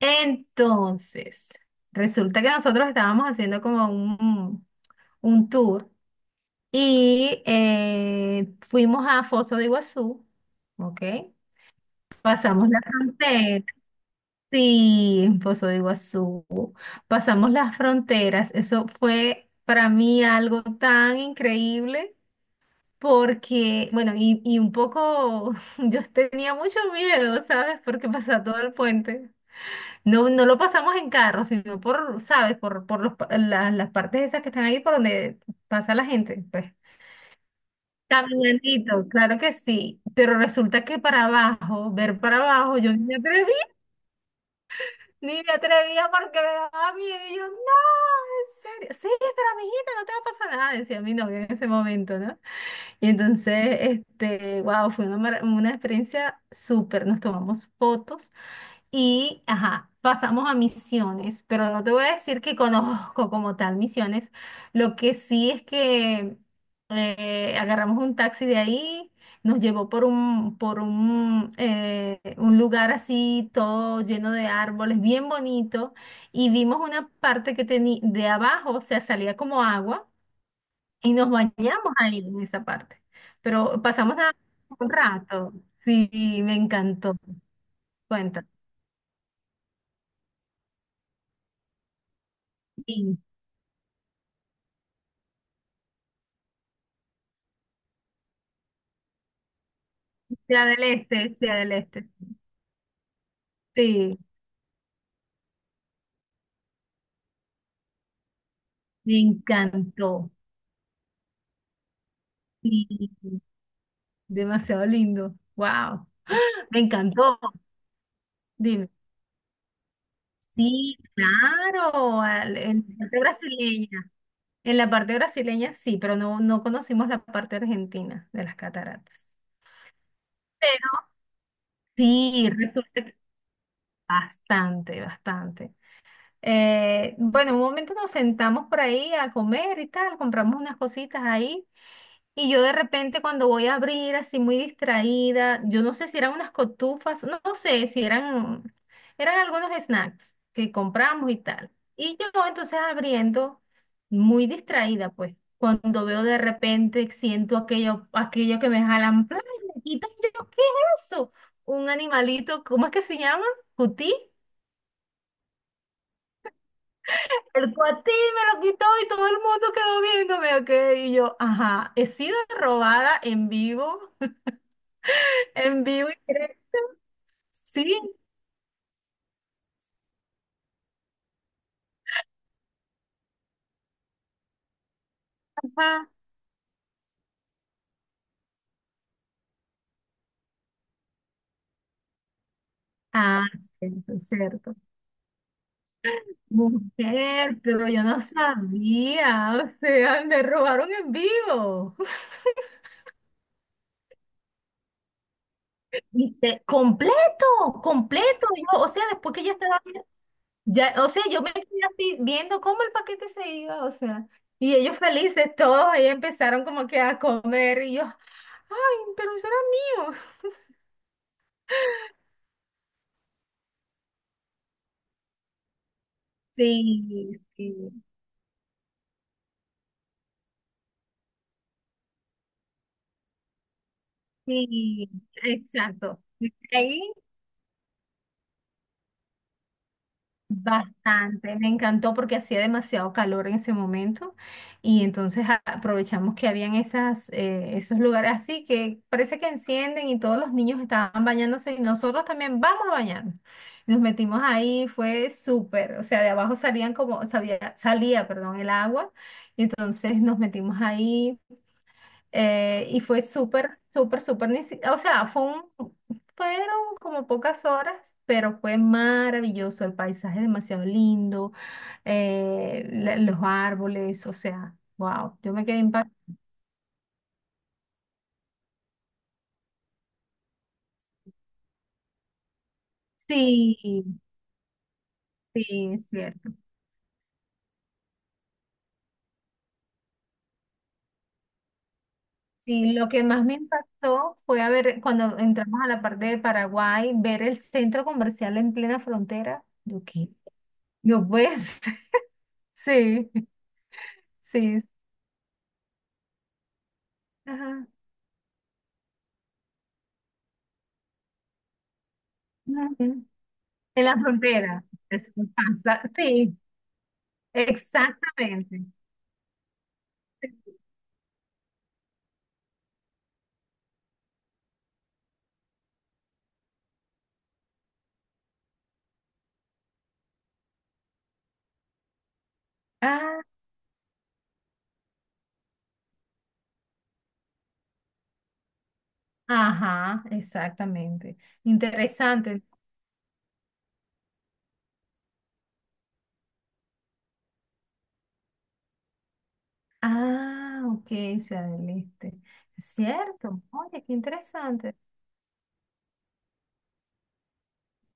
Entonces, resulta que nosotros estábamos haciendo como un tour y fuimos a Foz de Iguazú, ¿ok? Pasamos la frontera, sí, en Foz de Iguazú, pasamos las fronteras, eso fue para mí algo tan increíble. Porque, bueno, y un poco, yo tenía mucho miedo, ¿sabes? Porque pasaba todo el puente. No, no lo pasamos en carro, sino por, ¿sabes? Por las partes esas que están ahí por donde pasa la gente, pues. Caminandito, claro que sí, pero resulta que para abajo, ver para abajo, yo ni me atreví, ni me atrevía porque me daba miedo. Y yo, no, en serio, sí, pero amiguita, no te va a pasar nada, decía mi novio en ese momento, ¿no? Y entonces, wow, fue una, una experiencia súper, nos tomamos fotos. Y, ajá, pasamos a misiones, pero no te voy a decir que conozco como tal misiones. Lo que sí es que agarramos un taxi de ahí, nos llevó por un, por un un lugar así todo lleno de árboles, bien bonito, y vimos una parte que tenía de abajo, o sea, salía como agua, y nos bañamos ahí en esa parte. Pero pasamos nada más un rato, sí, me encantó. Cuenta. Sí. Sea del Este, Sea del Este. Sí, me encantó. Sí, demasiado lindo. Wow, me encantó. Dime. Sí, claro, en la parte brasileña. En la parte brasileña sí, pero no, no conocimos la parte argentina de las cataratas. Pero sí, resulta que bastante, bastante. Bueno, un momento nos sentamos por ahí a comer y tal, compramos unas cositas ahí. Y yo de repente cuando voy a abrir así muy distraída, yo no sé si eran unas cotufas, no, no sé si eran, eran algunos snacks que compramos y tal. Y yo entonces abriendo muy distraída pues, cuando veo de repente siento aquello, aquello que me jalan, ¡plá!, me quitan, y yo, ¿qué es eso? Un animalito, ¿cómo es que se llama? ¿Cutí? El cuatí me lo quitó y todo el mundo quedó viéndome, ok, y yo, ajá, he sido robada en vivo. En vivo y creo. Sí, ajá. Ah, cierto, cierto. Mujer, pero yo no sabía. O sea, me robaron en vivo. Dice, completo, completo. Yo, o sea, después que ya estaba, ya, o sea, yo me quedé así viendo cómo el paquete se iba, o sea, y ellos felices, todos ahí empezaron como que a comer y yo, ay, pero eso era mío. Sí, sí, sí, exacto. Ahí, bastante, me encantó porque hacía demasiado calor en ese momento y entonces aprovechamos que habían esas, esos lugares así que parece que encienden y todos los niños estaban bañándose y nosotros también vamos a bañarnos. Nos metimos ahí, fue súper, o sea, de abajo salían como, salía, perdón, el agua y entonces nos metimos ahí. Y fue súper, súper, súper, ni si- o sea, fue un, fueron como pocas horas, pero fue maravilloso, el paisaje demasiado lindo, los árboles, o sea, wow, yo me quedé impactada. Sí, sí, es cierto. Sí, lo que más me impactó fue a ver, cuando entramos a la parte de Paraguay, ver el centro comercial en plena frontera. Yo, ¿qué? No puedes. Sí, sí. Ajá. Ujú. En la frontera. Eso pasa. Sí, exactamente. Ah, ajá, exactamente. Interesante. Ah, ok, Ciudad del Este. Cierto. Oye, qué interesante.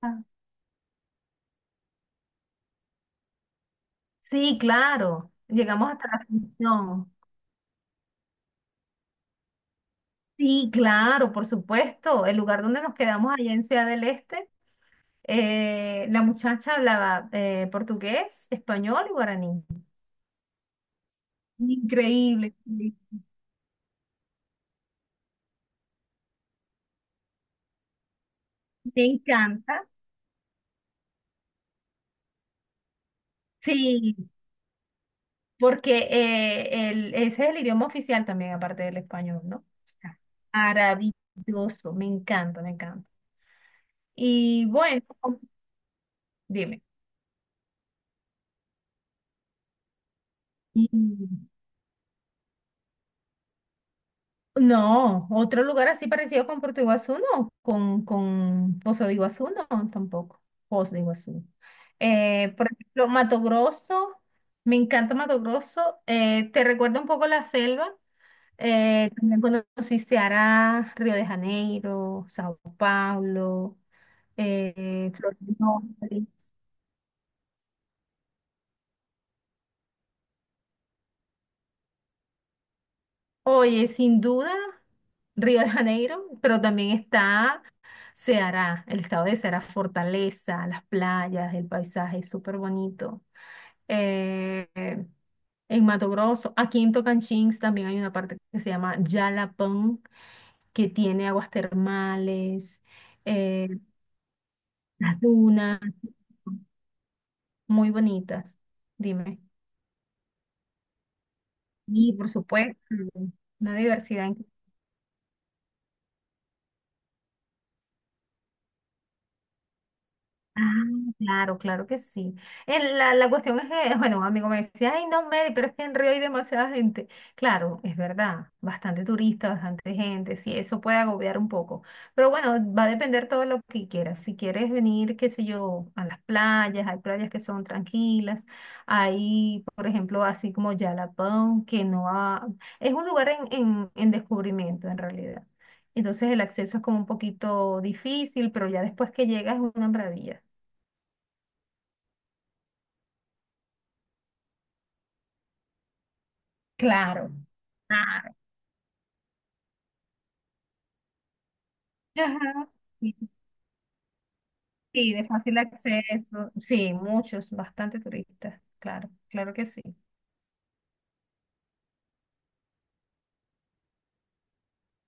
Ah, sí, claro. Llegamos hasta la función. Sí, claro, por supuesto. El lugar donde nos quedamos allá en Ciudad del Este, la muchacha hablaba portugués, español y guaraní. Increíble. Increíble. Me encanta. Sí, porque ese es el idioma oficial también, aparte del español, ¿no? O sea, maravilloso, me encanta, me encanta. Y bueno, dime. Mm. No, otro lugar así parecido con Puerto Iguazú, no, con Foz de Iguazú, no, tampoco. Foz de Iguazú. Por ejemplo, Mato Grosso, me encanta Mato Grosso. Te recuerda un poco la selva. También conocí Ceará, Río de Janeiro, Sao Paulo, Florianópolis. Oye, sin duda, Río de Janeiro, pero también está Ceará, el estado de Ceará, Fortaleza, las playas, el paisaje es súper bonito. Eh, en Mato Grosso, aquí en Tocantins también hay una parte que se llama Jalapão, que tiene aguas termales, eh, las dunas. Muy bonitas, dime. Y por supuesto, una diversidad. Ah, claro, claro que sí. La cuestión es que, bueno, un amigo me decía, ay, no, Mary, pero es que en Río hay demasiada gente. Claro, es verdad, bastante turista, bastante gente, sí, eso puede agobiar un poco. Pero bueno, va a depender todo lo que quieras. Si quieres venir, qué sé yo, a las playas, hay playas que son tranquilas, hay, por ejemplo, así como Yalapón, que no ha... Es un lugar en descubrimiento, en realidad. Entonces el acceso es como un poquito difícil, pero ya después que llegas es una maravilla. Claro, claro. Ajá. Sí, sí, de fácil acceso. Sí, muchos, bastante turistas. Claro, claro que sí.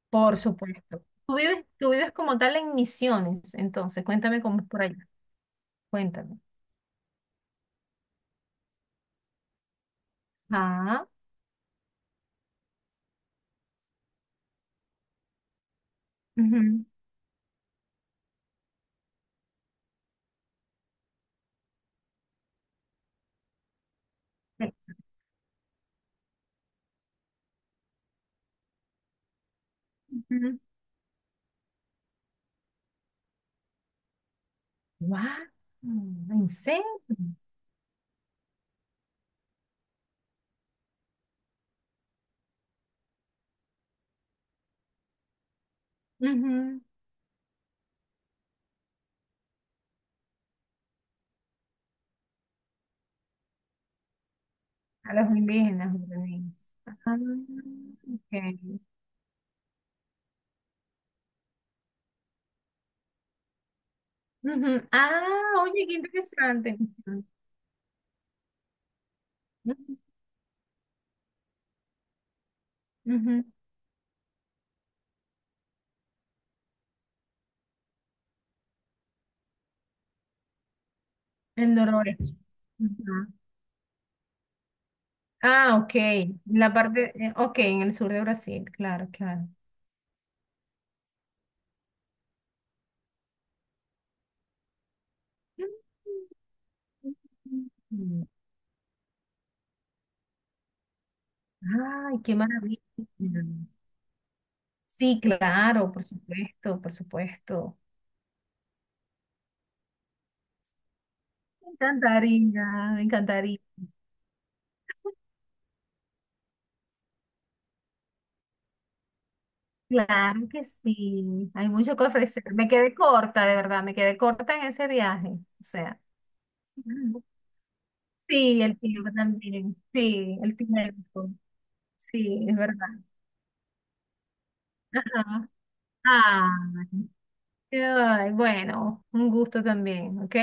Por supuesto. Tú vives como tal en Misiones, entonces, cuéntame cómo es por allá. Cuéntame. Ah, ujú. Sí. Ujú. Guau, ¿en serio? Ujú. A los indígenas, ordenados. Ah, ok. Ujú. Ah, oye, qué interesante. Ujú. Ujú. En Dolores. Ujú. Ah, ok. La parte, ok, en el sur de Brasil, claro, claro. Mm. Ay, qué maravilla. Sí, claro, por supuesto, por supuesto. Me encantaría, me encantaría. Claro que sí. Hay mucho que ofrecer. Me quedé corta, de verdad, me quedé corta en ese viaje. O sea, mm, sí, el tiempo también. Sí, el tiempo. Sí, es verdad. Ajá. Ah, ay, bueno, un gusto también, ¿ok?